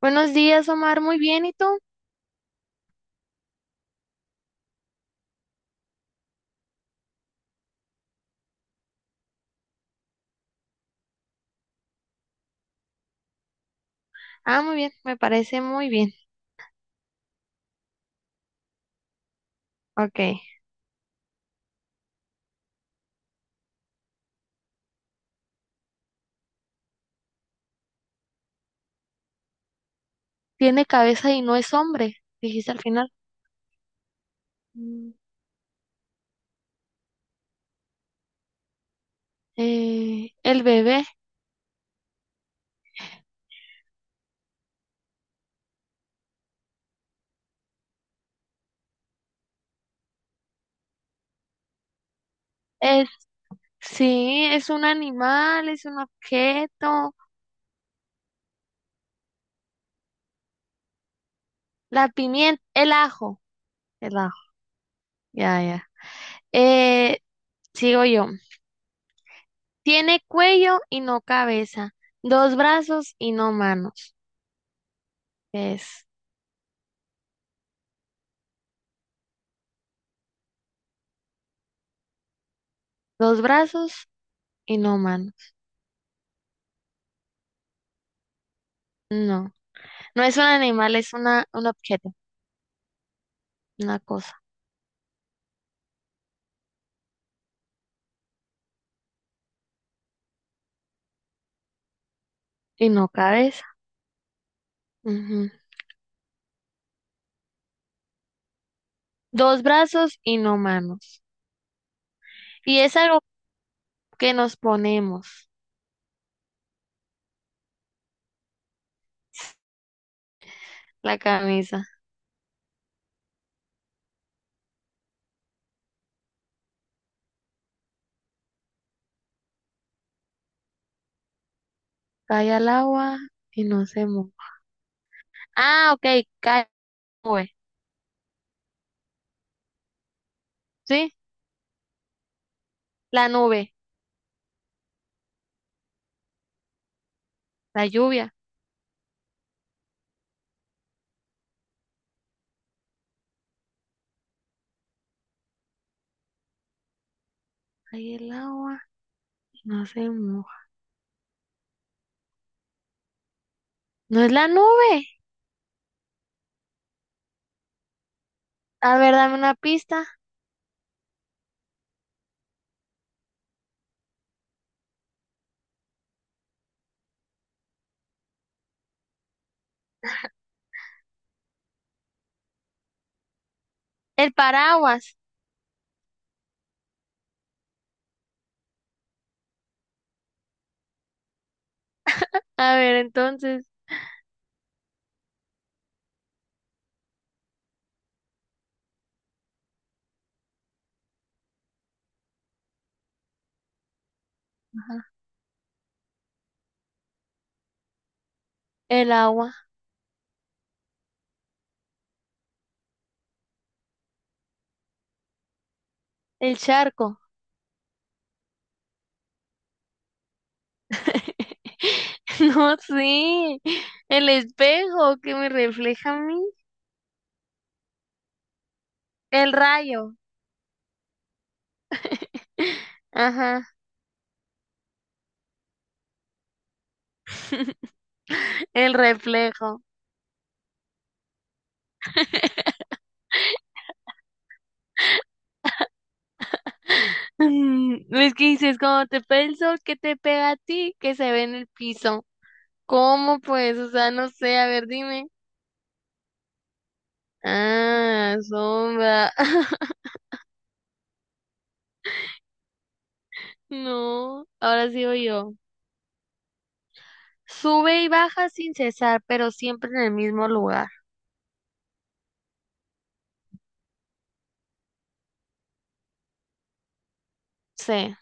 Buenos días, Omar. Muy bien, ¿y tú? Ah, muy bien, me parece muy bien. Ok. Tiene cabeza y no es hombre, dijiste al final. Mm, el bebé es, sí, es un animal, es un objeto. La pimienta, el ajo, el ajo. Ya, ya. Eh, sigo yo. Tiene cuello y no cabeza. Dos brazos y no manos. ¿Qué es? Dos brazos y no manos. No, no es un animal, es una, un objeto, una cosa. Y no cabeza. Ujú. Dos brazos y no manos. Y es algo que nos ponemos, la camisa. Cae al agua y no se moja. Ah, ok, cae nube. ¿Sí? La nube, la lluvia. Cae el agua y no se moja. No es la nube. A ver, dame una pista. El paraguas. A ver, entonces, el agua, el charco. No, sí. El espejo que me refleja a mí. El rayo. Ajá, el reflejo. Mm, es que dices, como te pega el sol, que te pega a ti, que se ve en el piso. ¿Cómo pues? O sea, no sé, a ver, dime. Ah, sombra. No, ahora sigo yo. Sube y baja sin cesar, pero siempre en el mismo lugar. Sí,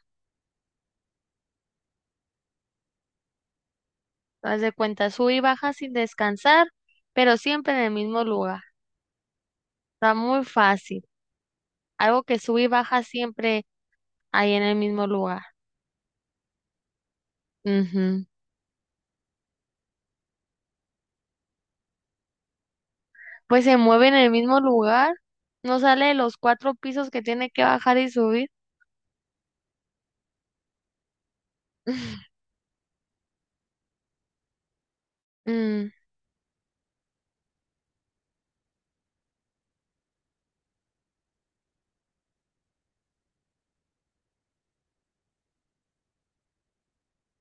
haz de cuenta, sube y baja sin descansar, pero siempre en el mismo lugar. Está muy fácil. Algo que sube y baja siempre ahí en el mismo lugar. Ujú. Pues se mueve en el mismo lugar, no sale de los cuatro pisos que tiene que bajar y subir. Mm,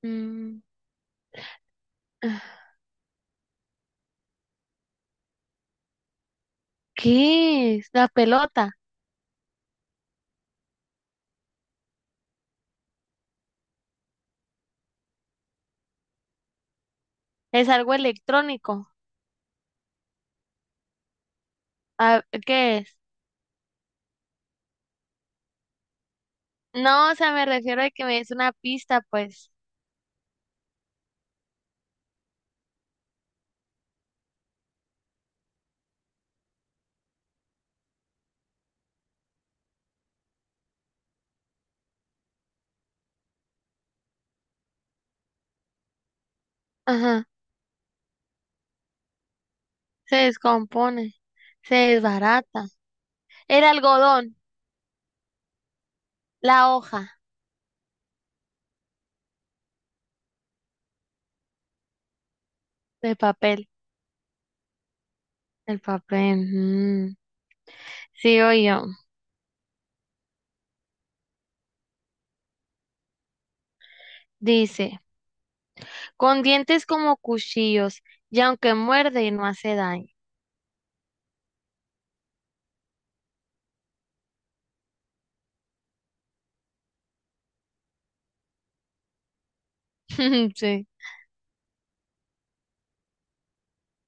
mm. ¿Qué es? La pelota. Es algo electrónico. Ah, ¿qué es? No, o sea, me refiero a que me des una pista, pues. Ajá. Se descompone. Se desbarata. El algodón. La hoja de papel. El papel. Mm. Sigo yo. Dice, con dientes como cuchillos, y aunque muerde no hace daño. Sí.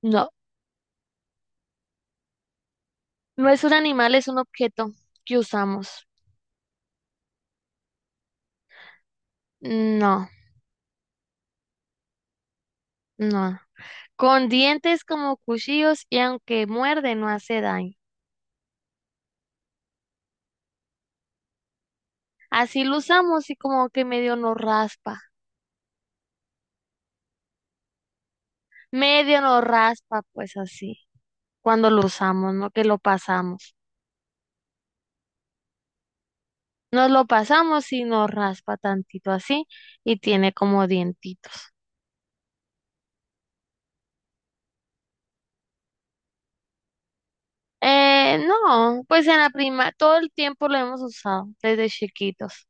No, no es un animal, es un objeto que usamos. No, no. Con dientes como cuchillos y aunque muerde no hace daño. Así lo usamos y como que medio nos raspa. Medio nos raspa, pues así. Cuando lo usamos, no que lo pasamos. Nos lo pasamos y nos raspa tantito así y tiene como dientitos. No, pues en la prima todo el tiempo lo hemos usado desde chiquitos.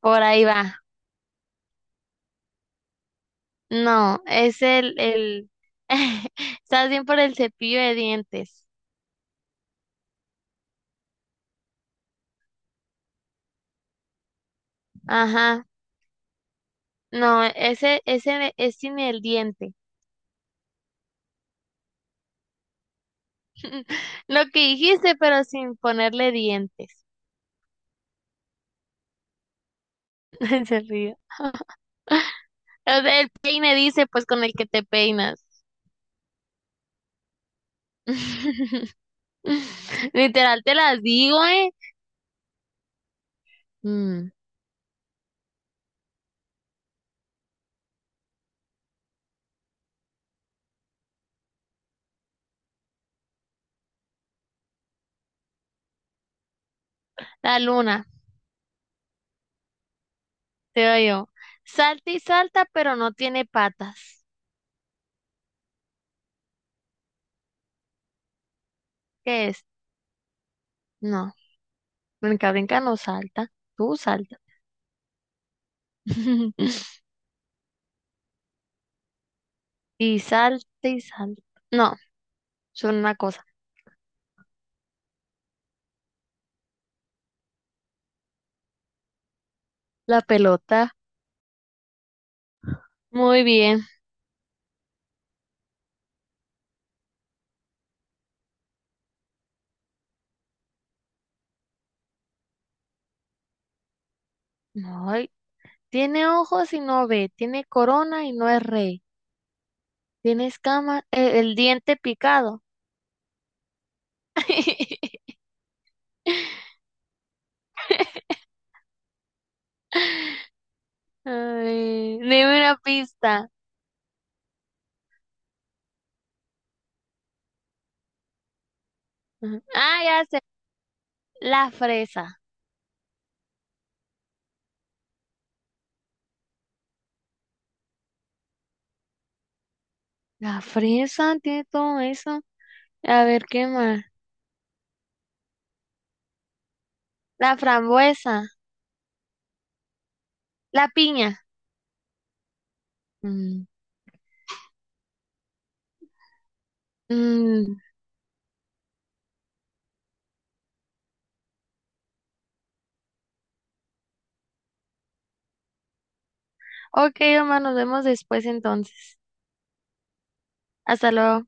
Por ahí va. No, es el, estás bien por el cepillo de dientes. Ajá, no, ese es sin el diente. Lo que dijiste, pero sin ponerle dientes. Se ríe. O sea, el peine dice, pues con el que te peinas. Literal, te las digo, ¿eh? Mm, la luna, te digo yo. Salta y salta, pero no tiene patas. ¿Qué es? No, brinca, brinca, no salta. Tú salta. Y salte y salte. No, son una cosa. La pelota. Muy bien. Ay, tiene ojos y no ve. Tiene corona y no es rey. Tiene escama, el diente picado. Ay, dime una pista. Ujú. Ah, ya sé. La fresa. La fresa tiene todo eso. A ver, ¿qué más? La frambuesa. La piña. Mm, mm. Ok, hermano, nos vemos después entonces. Hasta luego.